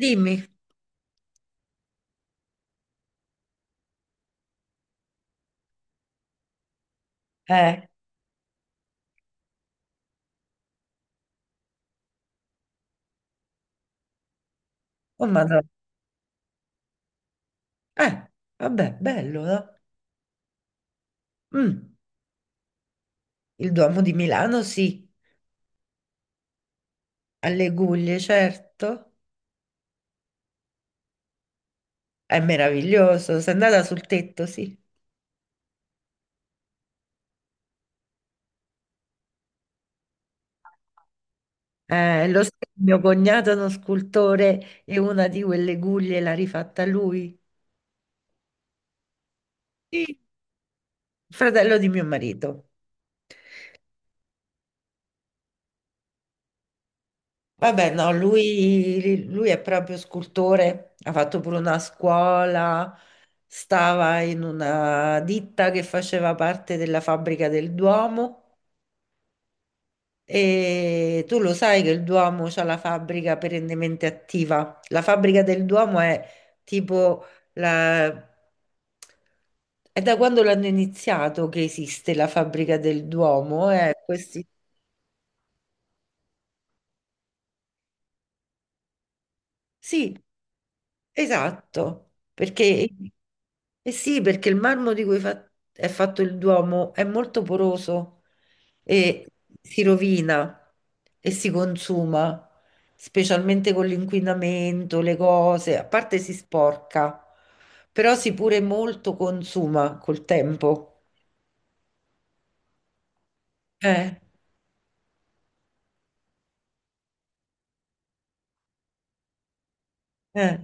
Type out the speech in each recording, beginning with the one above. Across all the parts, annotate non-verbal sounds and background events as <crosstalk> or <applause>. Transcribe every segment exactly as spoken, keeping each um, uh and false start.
Dimmi. Eh, oh madonna. Eh, vabbè, bello, no? Mm, il Duomo di Milano, sì. Alle Guglie, certo. È meraviglioso. Sei andata sul tetto, sì. Eh, lo sai, mio cognato è uno scultore e una di quelle guglie l'ha rifatta lui. Sì, fratello di mio marito. Vabbè, no, lui, lui è proprio scultore, ha fatto pure una scuola, stava in una ditta che faceva parte della fabbrica del Duomo. E tu lo sai che il Duomo c'ha la fabbrica perennemente attiva. La fabbrica del Duomo è tipo la... È da quando l'hanno iniziato che esiste la fabbrica del Duomo, eh, questi... Sì, esatto, perché, eh sì, perché il marmo di cui fa- è fatto il Duomo è molto poroso e si rovina e si consuma, specialmente con l'inquinamento, le cose, a parte si sporca, però si pure molto consuma col tempo. Eh, eh.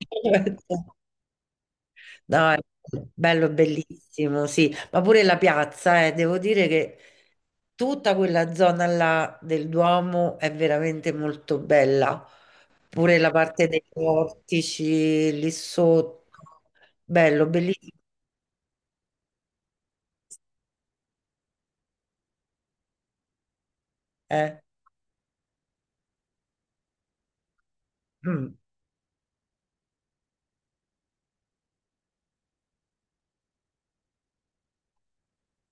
<laughs> No, è bello, bellissimo, sì, ma pure la piazza, eh, devo dire che tutta quella zona là del Duomo è veramente molto bella, pure la parte dei portici lì sotto, bello, bellissimo. Eh, Mm.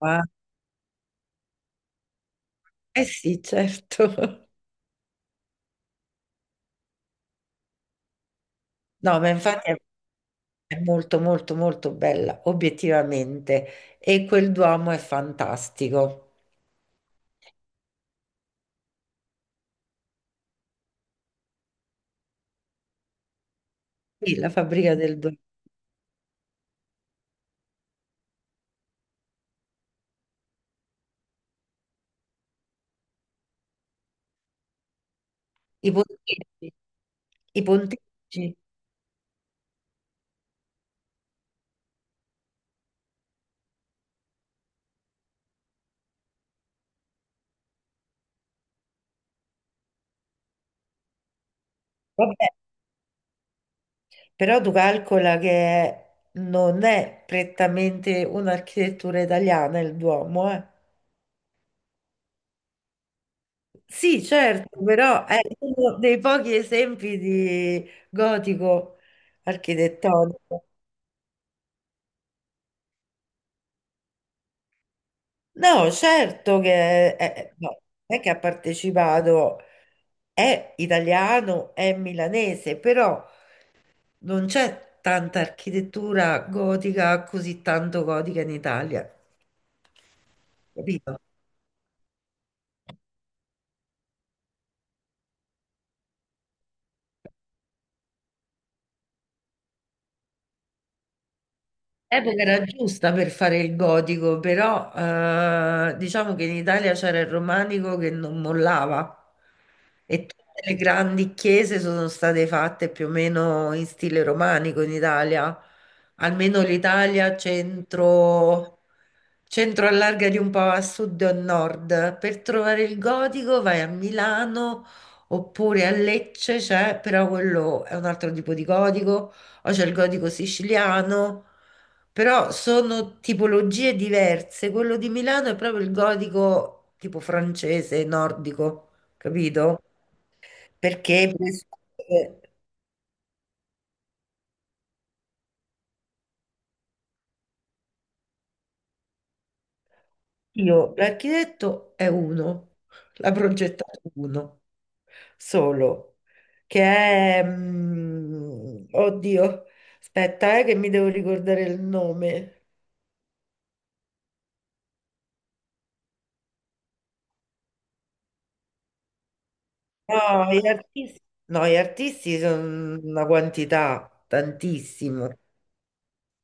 Ah, eh sì, certo. <laughs> No, ma infatti è è molto, molto, molto bella, obiettivamente, e quel Duomo è fantastico. Sì, la fabbrica del Duomo, i portici. I pontefici, vabbè, però tu calcola che non è prettamente un'architettura italiana il Duomo, eh. Sì, certo, però è uno dei pochi esempi di gotico architettonico. No, certo che è, no, non è che ha partecipato, è italiano, è milanese, però non c'è tanta architettura gotica, così tanto gotica in Italia, capito? Epoca era giusta per fare il gotico, però eh, diciamo che in Italia c'era il romanico che non mollava e tutte le grandi chiese sono state fatte più o meno in stile romanico in Italia, almeno l'Italia centro, centro allarga di un po' a sud e a nord. Per trovare il gotico vai a Milano oppure a Lecce, c'è, però quello è un altro tipo di gotico, o c'è il gotico siciliano. Però sono tipologie diverse. Quello di Milano è proprio il gotico tipo francese, nordico, capito? Perché per esempio, io l'architetto è uno, la progettato uno solo, che è mm, oddio, aspetta, eh, che mi devo ricordare il nome. No, gli artisti, no, gli artisti sono una quantità, tantissimo,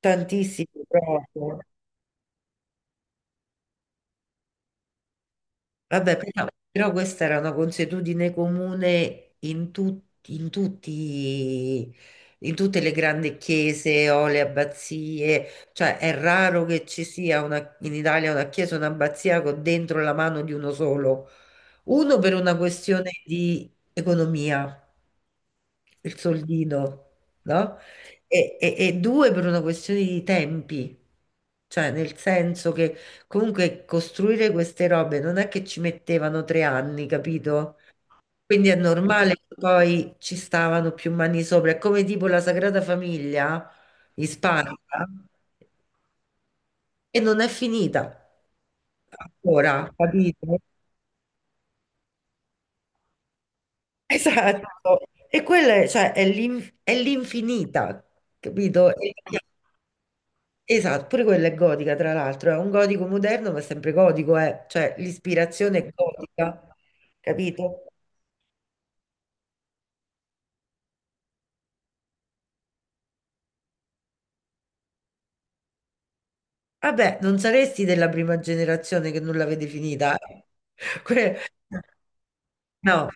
tantissimo proprio. Vabbè, però, però questa era una consuetudine comune in, tut- in tutti, in tutte le grandi chiese o le abbazie, cioè è raro che ci sia una- in Italia una chiesa o un'abbazia con dentro la mano di uno solo, uno per una questione di economia il soldino, no? E, e- e due per una questione di tempi, cioè nel senso che comunque costruire queste robe non è che ci mettevano tre anni, capito? Quindi è normale che poi ci stavano più mani sopra, è come tipo la Sagrada Famiglia in Spagna e non è finita ancora, capito? <laughs> Esatto. E quella è, cioè, è l'in- è l'infinita, capito? E- Esatto, pure quella è gotica, tra l'altro, è un gotico moderno, ma è sempre gotico, eh. Cioè l'ispirazione è gotica, capito? Vabbè, non saresti della prima generazione che non l'avete finita, eh. <laughs> Que- No,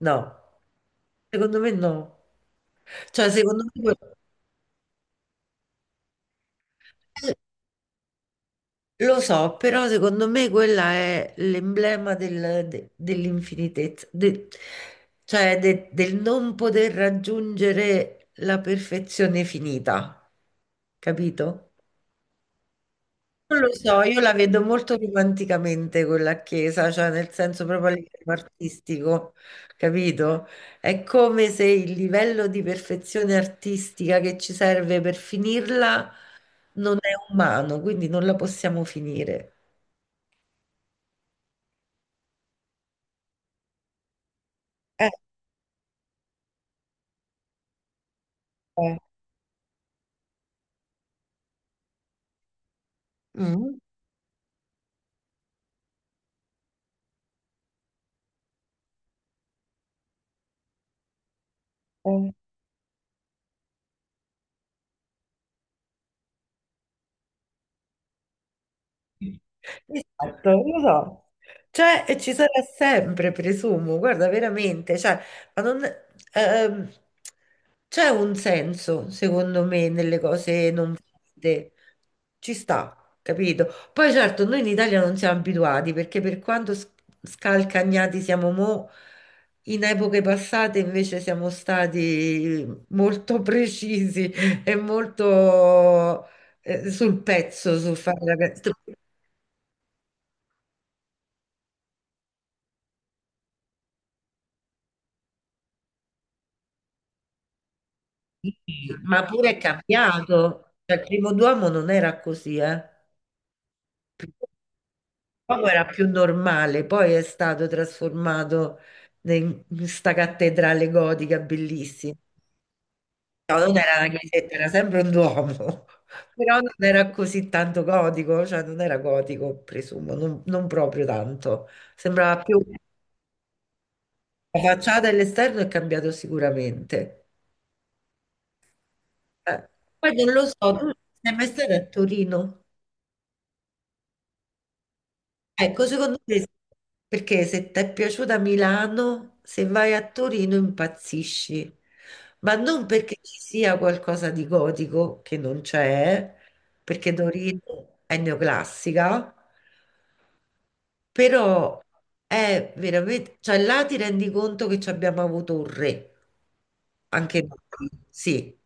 no, secondo me no. Cioè, secondo me... Lo so, però secondo me quella è l'emblema del- de- dell'infinitezza, de- cioè de- del non poter raggiungere la perfezione finita, capito? Non lo so, io la vedo molto romanticamente quella chiesa, cioè nel senso proprio a livello artistico, capito? È come se il livello di perfezione artistica che ci serve per finirla non è umano, quindi non la possiamo finire. Eh, eh. Mh, è Esatto, lo so. Cioè, e ci sarà sempre, presumo, guarda, veramente, cioè, ma non- ehm, c'è un senso, secondo me, nelle cose non fatte. Ci sta, capito? Poi certo, noi in Italia non siamo abituati, perché per quanto s- scalcagnati siamo mo', in epoche passate invece siamo stati molto <laughs> precisi e molto eh, sul pezzo, sul fare la canzone. Sì, ma pure è cambiato. Cioè, il primo Duomo non era così, eh. Duomo era più normale, poi è stato trasformato in questa cattedrale gotica bellissima. No, non era una chiesetta, era sempre un Duomo, <laughs> però non era così tanto gotico, cioè non era gotico, presumo, non, non proprio tanto. Sembrava più la facciata e l'esterno è cambiato sicuramente. Eh, Poi non lo so, tu sei mai stata a Torino? Ecco, secondo te, perché se ti è piaciuta Milano, se vai a Torino impazzisci, ma non perché ci sia qualcosa di gotico, che non c'è, perché Torino è neoclassica, però è veramente, cioè là ti rendi conto che ci abbiamo avuto un re. Anche noi, sì.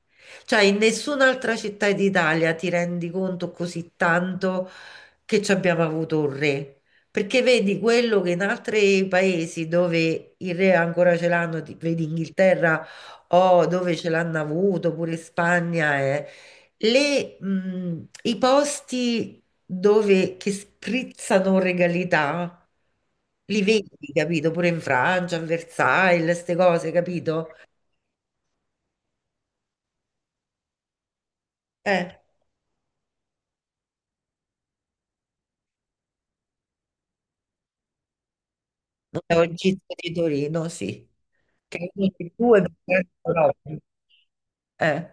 Cioè, in nessun'altra città d'Italia ti rendi conto così tanto che ci abbiamo avuto un re. Perché vedi quello che in altri paesi dove il re ancora ce l'hanno, ti- vedi Inghilterra o dove ce l'hanno avuto, pure Spagna, eh, le, mh, i posti dove che sprizzano regalità. Li vedi, capito? Pure in Francia, a Versailles, queste cose, capito? Eh. È un gizzo di Torino, sì. Che è uno dei due mercati d'Europa. Eh.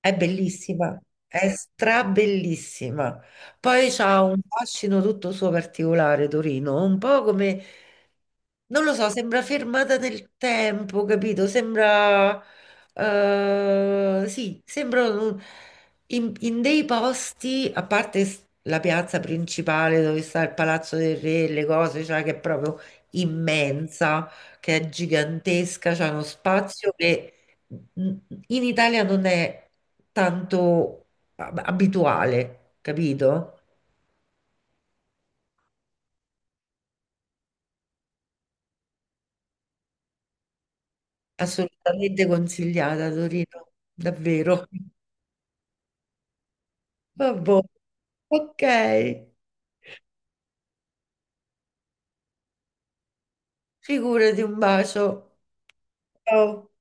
È bellissima, è strabellissima. Poi c'ha un fascino tutto suo particolare, Torino, un po' come, non lo so, sembra fermata nel tempo, capito? Sembra, eh, sì, sembra un- in, in dei posti, a parte s- la piazza principale dove sta il Palazzo del Re, le cose, cioè che è proprio immensa, che è gigantesca, c'è uno spazio che in Italia non è tanto ab- abituale, capito? Assolutamente consigliata Torino, davvero. <laughs> Vabbè. Ok, figurati, un bacio. Ciao.